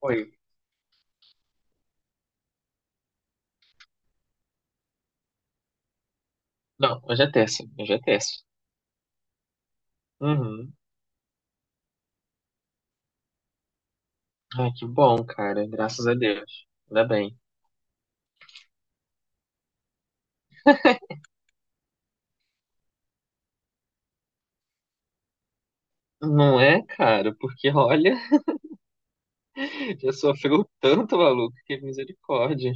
Oi. Não, hoje é terça. Hoje é terça. Uhum. Ai, que bom, cara. Graças a Deus. Ainda bem. Não é, cara? Porque, olha, já sofreu tanto, maluco, que misericórdia.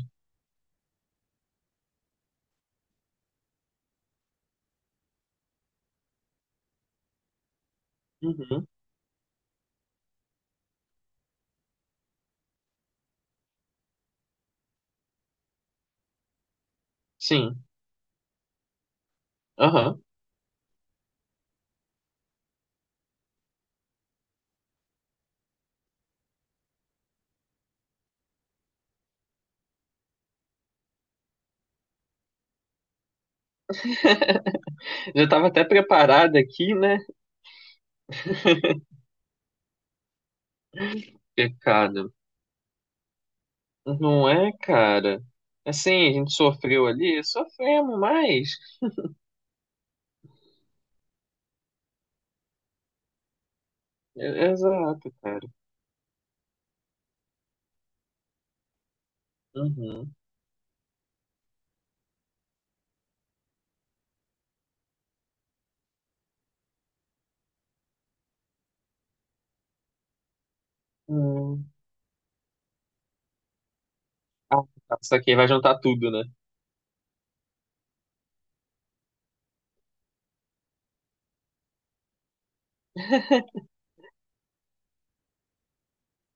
Uhum. Sim. Aham. Já tava até preparada aqui, né? Pecado. Não é, cara? Assim, a gente sofreu ali, sofremos mais. Exato, cara. Uhum. Hum. Ah, tá. Isso aqui vai juntar tudo, né?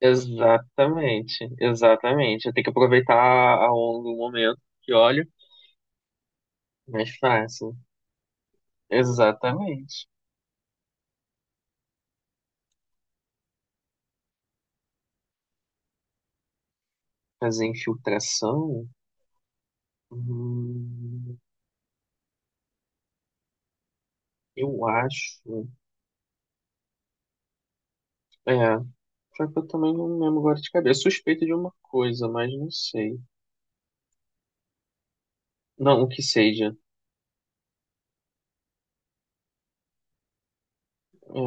Exatamente, exatamente. Tem que aproveitar a onda do momento que olha, mais fácil. Exatamente. Fazer infiltração, hum, eu acho. É, só que eu também não lembro agora de cabeça. Suspeito de uma coisa, mas não sei. Não, o que seja. É,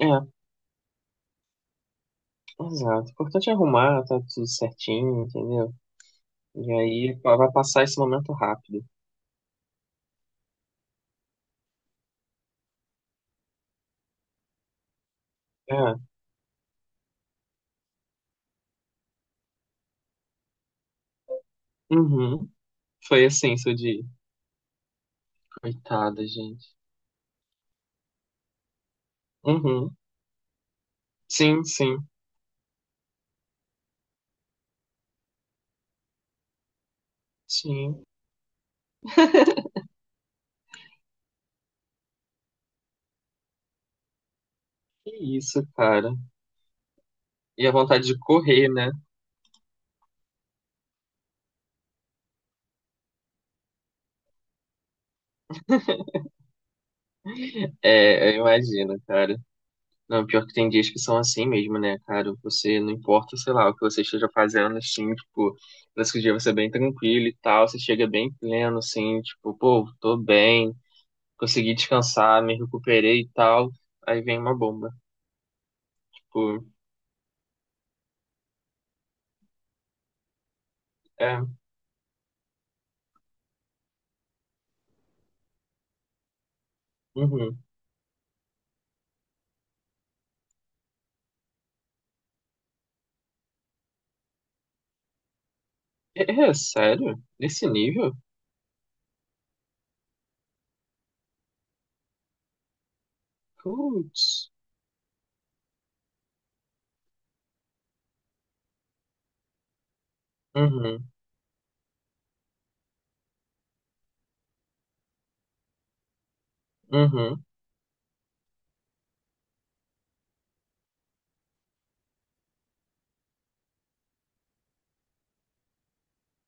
é, exato. O importante é arrumar, tá tudo certinho, entendeu? E aí pá, vai passar esse momento rápido. É, uhum. Foi assim, seu dia. Coitada, gente. Uhum. Sim, sim, sim. Que isso, cara. E a vontade de correr, né? É, eu imagino, cara. Não, pior que tem dias que são assim mesmo, né, cara? Você não importa, sei lá, o que você esteja fazendo, assim, tipo, parece que o dia vai ser bem tranquilo e tal, você chega bem pleno, assim, tipo, pô, tô bem, consegui descansar, me recuperei e tal. Aí vem uma bomba. Tipo, é, uhum. É, é sério? Nesse nível? Putz. Uhum, uhum.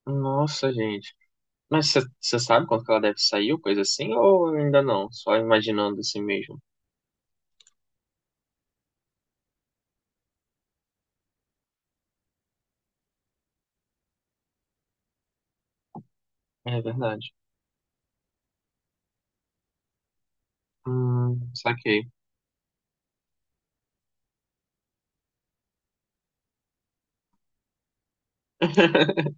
Nossa, gente. Mas você sabe quando que ela deve sair ou coisa assim? Ou ainda não? Só imaginando assim mesmo. É verdade. Saquei.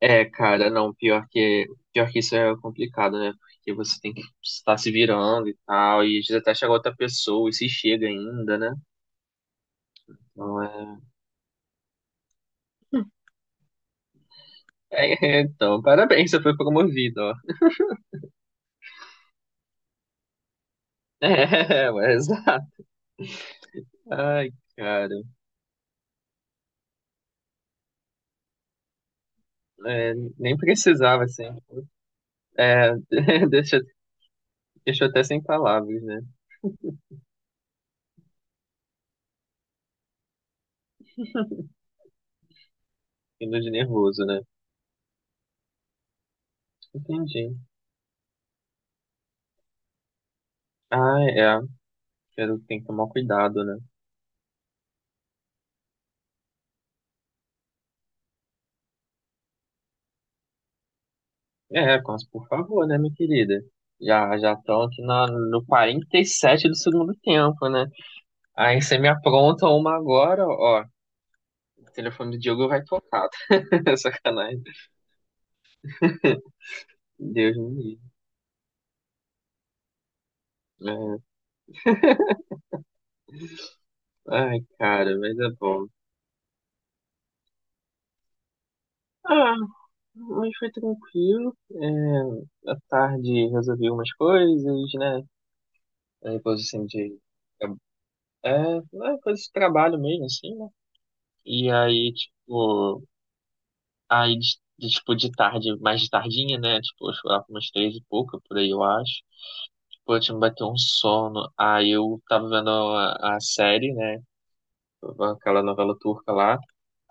É, cara, não, pior que isso é complicado, né? Porque você tem que estar se virando e tal, e às vezes até chegar outra pessoa e se chega ainda, né? Então, é... é, é, então, parabéns, você foi promovido, ó. É, ué, exato. Ai, cara, é, nem precisava, assim. É, deixa, deixa eu até sem palavras, né? Indo de nervoso, né? Entendi. Ah, é. Pelo que tem que tomar cuidado, né? É, Cons, por favor, né, minha querida? Já já estão aqui na, no 47 do segundo tempo, né? Aí você me apronta uma agora, ó. O telefone do Diogo vai tocar. Sacanagem. Deus me livre. É. Ai, cara, mas é bom. Ah, mas foi tranquilo. É, à tarde resolvi umas coisas, né? Aí, depois assim de. É, é, coisa de trabalho mesmo, assim, né? E aí, tipo, aí, tipo, de tarde, mais de tardinha, né? Tipo, eu fui lá pra umas três e pouca, por aí eu acho. Tipo, eu tinha me bateu um sono. Aí eu tava vendo a série, né? Aquela novela turca lá.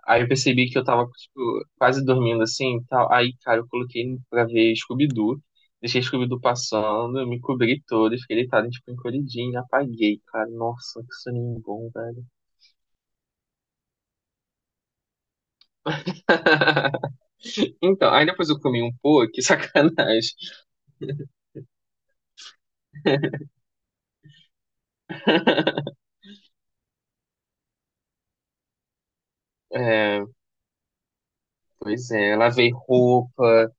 Aí eu percebi que eu tava, tipo, quase dormindo assim e tal. Aí, cara, eu coloquei pra ver Scooby-Doo. Deixei Scooby-Doo passando, eu me cobri todo e fiquei deitado, tipo, encolhidinho. Apaguei, cara. Nossa, que soninho bom, velho. Então, aí depois eu comi um pô, que sacanagem. É, pois é, eu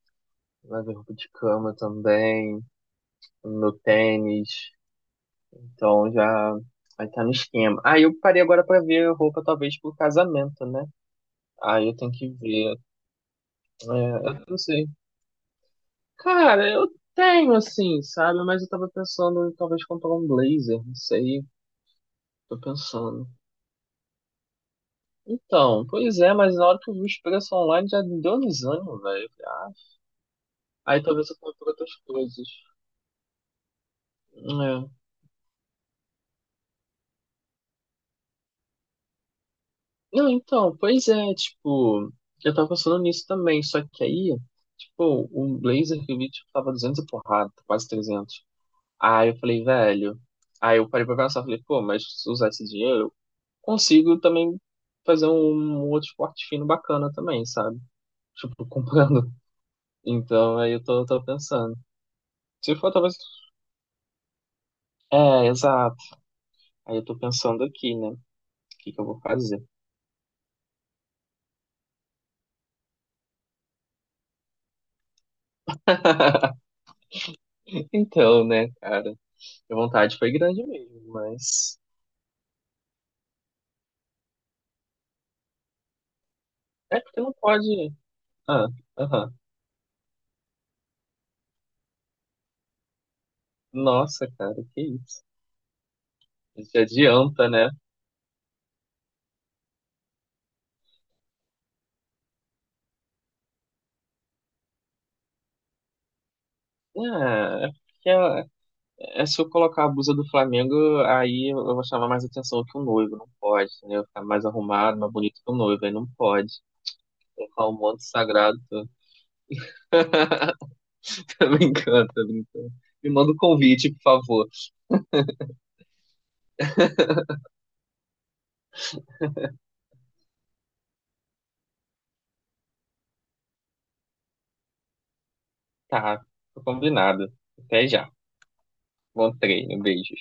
lavei roupa de cama também, meu tênis, então já vai tá no esquema. Ah, eu parei agora pra ver roupa talvez pro casamento, né? Aí eu tenho que ver, é, eu não sei. Cara, eu tenho assim, sabe? Mas eu tava pensando em talvez comprar um blazer, não sei, tô pensando. Então, pois é, mas na hora que eu vi os preços online já me deu um desânimo, velho. Eu falei, ah, aí talvez eu compre outras coisas. É. Não, então, pois é, tipo, eu tava pensando nisso também, só que aí, tipo, o blazer que eu vi, tipo, tava 200 e porrada, quase 300. Aí eu falei, velho, aí eu parei pra pensar, falei, pô, mas se usar esse dinheiro, eu consigo também fazer um, um outro esporte fino bacana também, sabe? Tipo, comprando. Então, aí eu tô, tô pensando. Se for, talvez... É, exato. Aí eu tô pensando aqui, né? O que que eu vou fazer? Então, né, cara, a vontade foi grande mesmo, mas... É porque não pode. Ah, aham. Nossa, cara, que isso. A gente adianta, né? Ah, é porque ah, é, se eu colocar a blusa do Flamengo, aí eu vou chamar mais atenção que o noivo, não pode, entendeu? Ficar mais arrumado, mais bonito que o noivo, aí não pode. Colocar um manto sagrado. Tô, tô brincando, tô brincando. Me manda o convite, por favor. Tá, tô combinado. Até já. Bom treino, beijo.